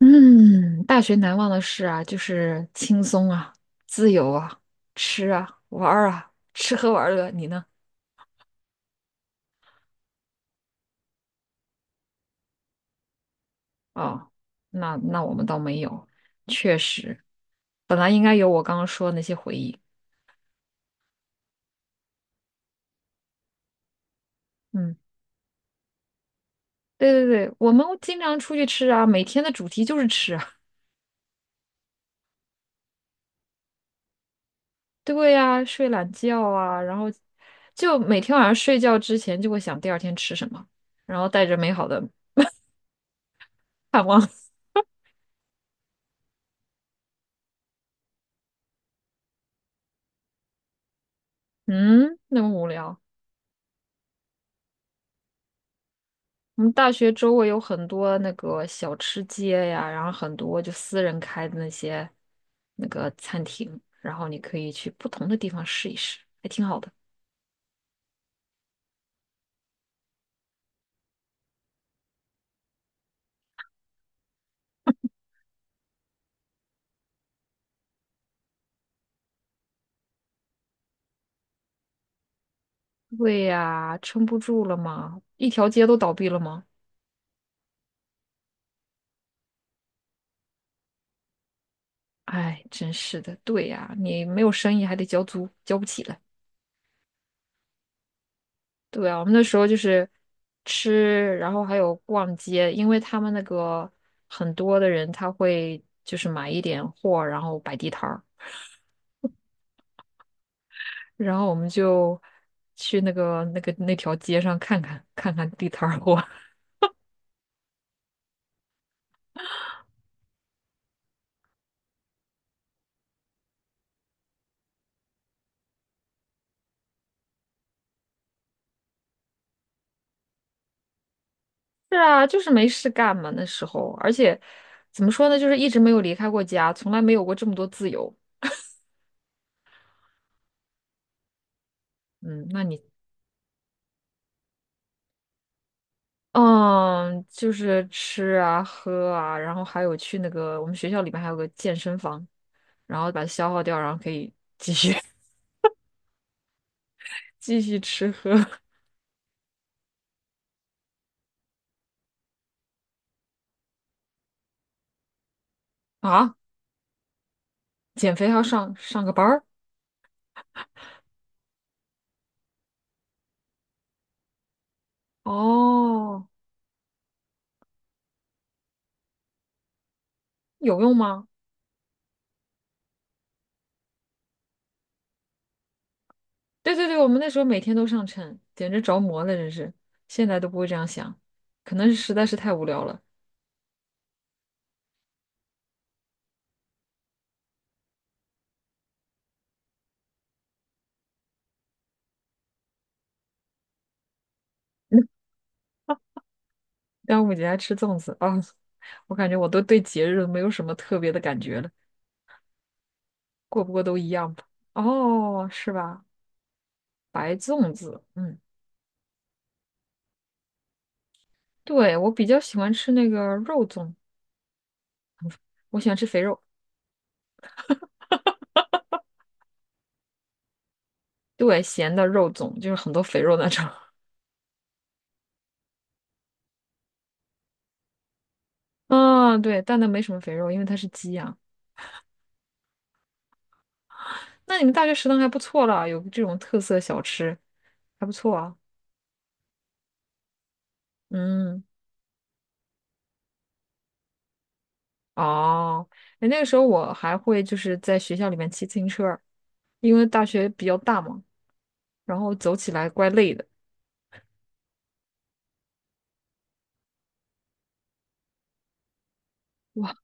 嗯，大学难忘的事啊，就是轻松啊，自由啊，吃啊，玩儿啊，吃喝玩乐。你呢？哦，那我们倒没有，确实，本来应该有我刚刚说的那些回忆。嗯，对对对，我们经常出去吃啊，每天的主题就是吃啊。对呀，睡懒觉啊，然后就每天晚上睡觉之前就会想第二天吃什么，然后带着美好的 盼望。嗯，那么无聊。我们大学周围有很多那个小吃街呀，然后很多就私人开的那些那个餐厅，然后你可以去不同的地方试一试，还挺好的。对呀，撑不住了吗？一条街都倒闭了吗？哎，真是的。对呀，你没有生意还得交租，交不起了。对啊，我们那时候就是吃，然后还有逛街，因为他们那个很多的人他会就是买一点货，然后摆地摊儿。然后我们就去那个那条街上看看地摊儿货。是啊，就是没事干嘛那时候，而且怎么说呢，就是一直没有离开过家，从来没有过这么多自由。嗯，那你嗯，就是吃啊喝啊，然后还有去那个我们学校里面还有个健身房，然后把它消耗掉，然后可以继续 继续吃喝 啊。减肥还要上个班儿哦，有用吗？对对对，我们那时候每天都上秤，简直着魔了，真是。现在都不会这样想，可能是实在是太无聊了。端午节还吃粽子啊，我感觉我都对节日没有什么特别的感觉了，过不过都一样吧。哦，是吧？白粽子，嗯，对，我比较喜欢吃那个肉粽，我喜欢吃肥肉，对，咸的肉粽，就是很多肥肉那种。啊，对，但那没什么肥肉，因为它是鸡啊。那你们大学食堂还不错啦，有这种特色小吃，还不错啊。嗯，哦，哎，那个时候我还会就是在学校里面骑自行车儿因为大学比较大嘛，然后走起来怪累的。哇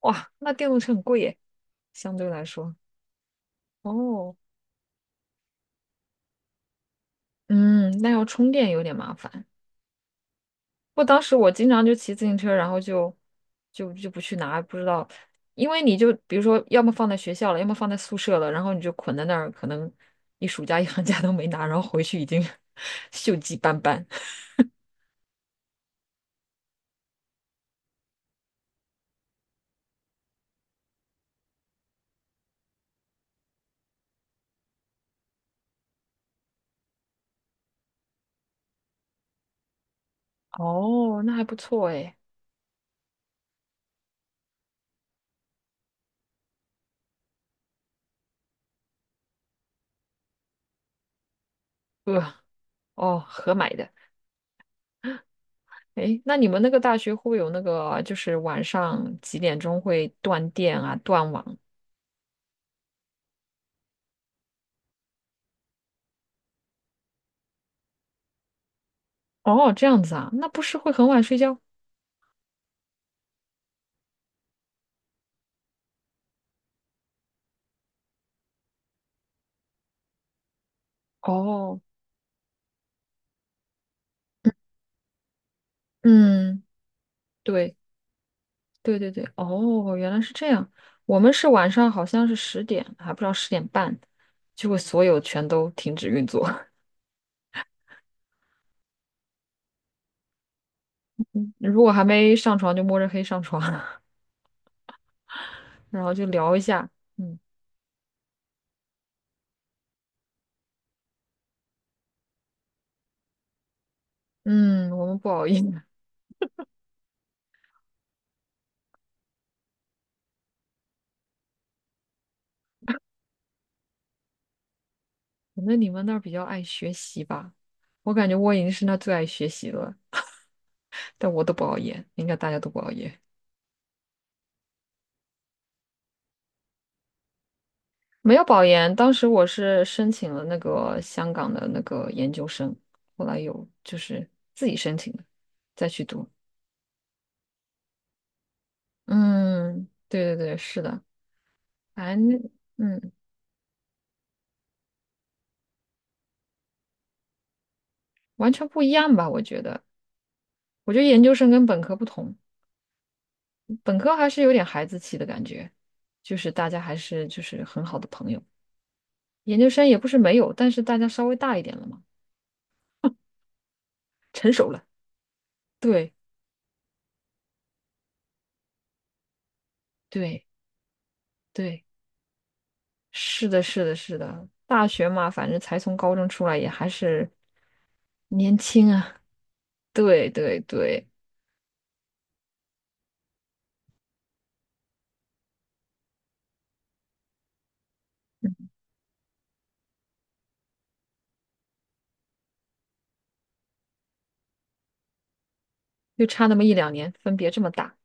哇，那电动车很贵耶，相对来说。哦，嗯，那要充电有点麻烦。不，当时我经常就骑自行车，然后就不去拿，不知道，因为你就比如说，要么放在学校了，要么放在宿舍了，然后你就捆在那儿，可能一暑假一 寒假都没拿，然后回去已经 锈迹斑斑。哦，那还不错哎。呃，哦，合买的。诶，那你们那个大学会不会有那个，就是晚上几点钟会断电啊、断网？哦，这样子啊，那不是会很晚睡觉？哦，嗯，对，对对对，哦，原来是这样。我们是晚上好像是十点，还不知道10点半，就会所有全都停止运作。如果还没上床，就摸着黑上床，然后就聊一下。嗯嗯，我们不熬夜，可能你们那儿比较爱学习吧。我感觉我已经是那最爱学习了，但我都不熬夜，应该大家都不熬夜，没有保研。当时我是申请了那个香港的那个研究生，后来有就是自己申请的，再去读。嗯，对对对，是的，反正嗯，完全不一样吧？我觉得，我觉得研究生跟本科不同，本科还是有点孩子气的感觉，就是大家还是就是很好的朋友。研究生也不是没有，但是大家稍微大一点了嘛，成熟了。对对。对是的，是的，是的，大学嘛，反正才从高中出来，也还是年轻啊。对对对，就差那么一两年，分别这么大，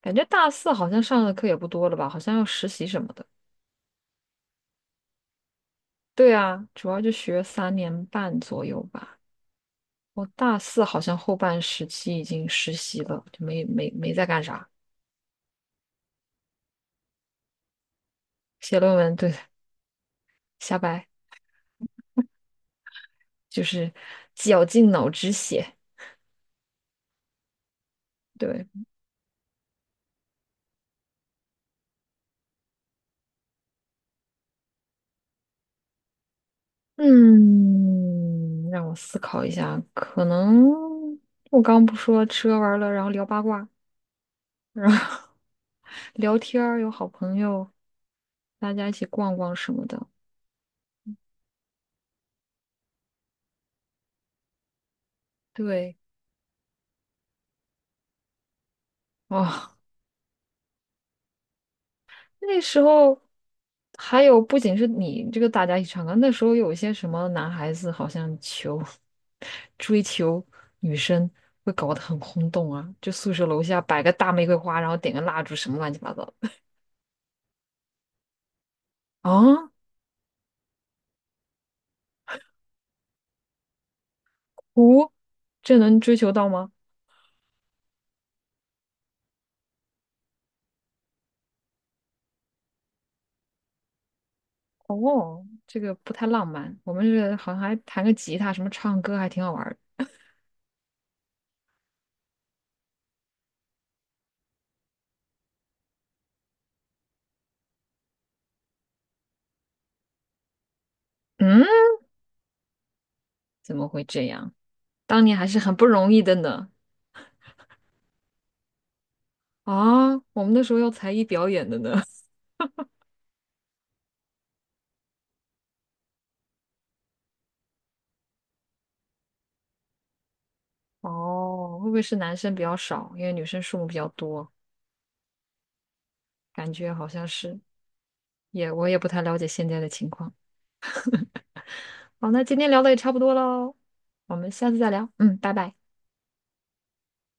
感觉大四好像上的课也不多了吧？好像要实习什么的。对啊，主要就学3年半左右吧。我大四好像后半时期已经实习了，就没在干啥，写论文，对，瞎掰，就是绞尽脑汁写。对，嗯，让我思考一下，可能我刚刚不说吃喝玩乐，然后聊八卦，然后 聊天儿，有好朋友，大家一起逛逛什么的。对，哦，那时候还有不仅是你这个大家一起唱歌，那时候有一些什么男孩子好像求 追求女生会搞得很轰动啊，就宿舍楼下摆个大玫瑰花，然后点个蜡烛，什么乱七八糟的。啊，哦，这能追求到吗？哦，这个不太浪漫。我们是好像还弹个吉他，什么唱歌还挺好玩儿的嗯，怎么会这样？当年还是很不容易的呢。啊，我们那时候要才艺表演的呢。哦，会不会是男生比较少，因为女生数目比较多？感觉好像是，我也不太了解现在的情况。好，那今天聊的也差不多喽，我们下次再聊。嗯，拜拜。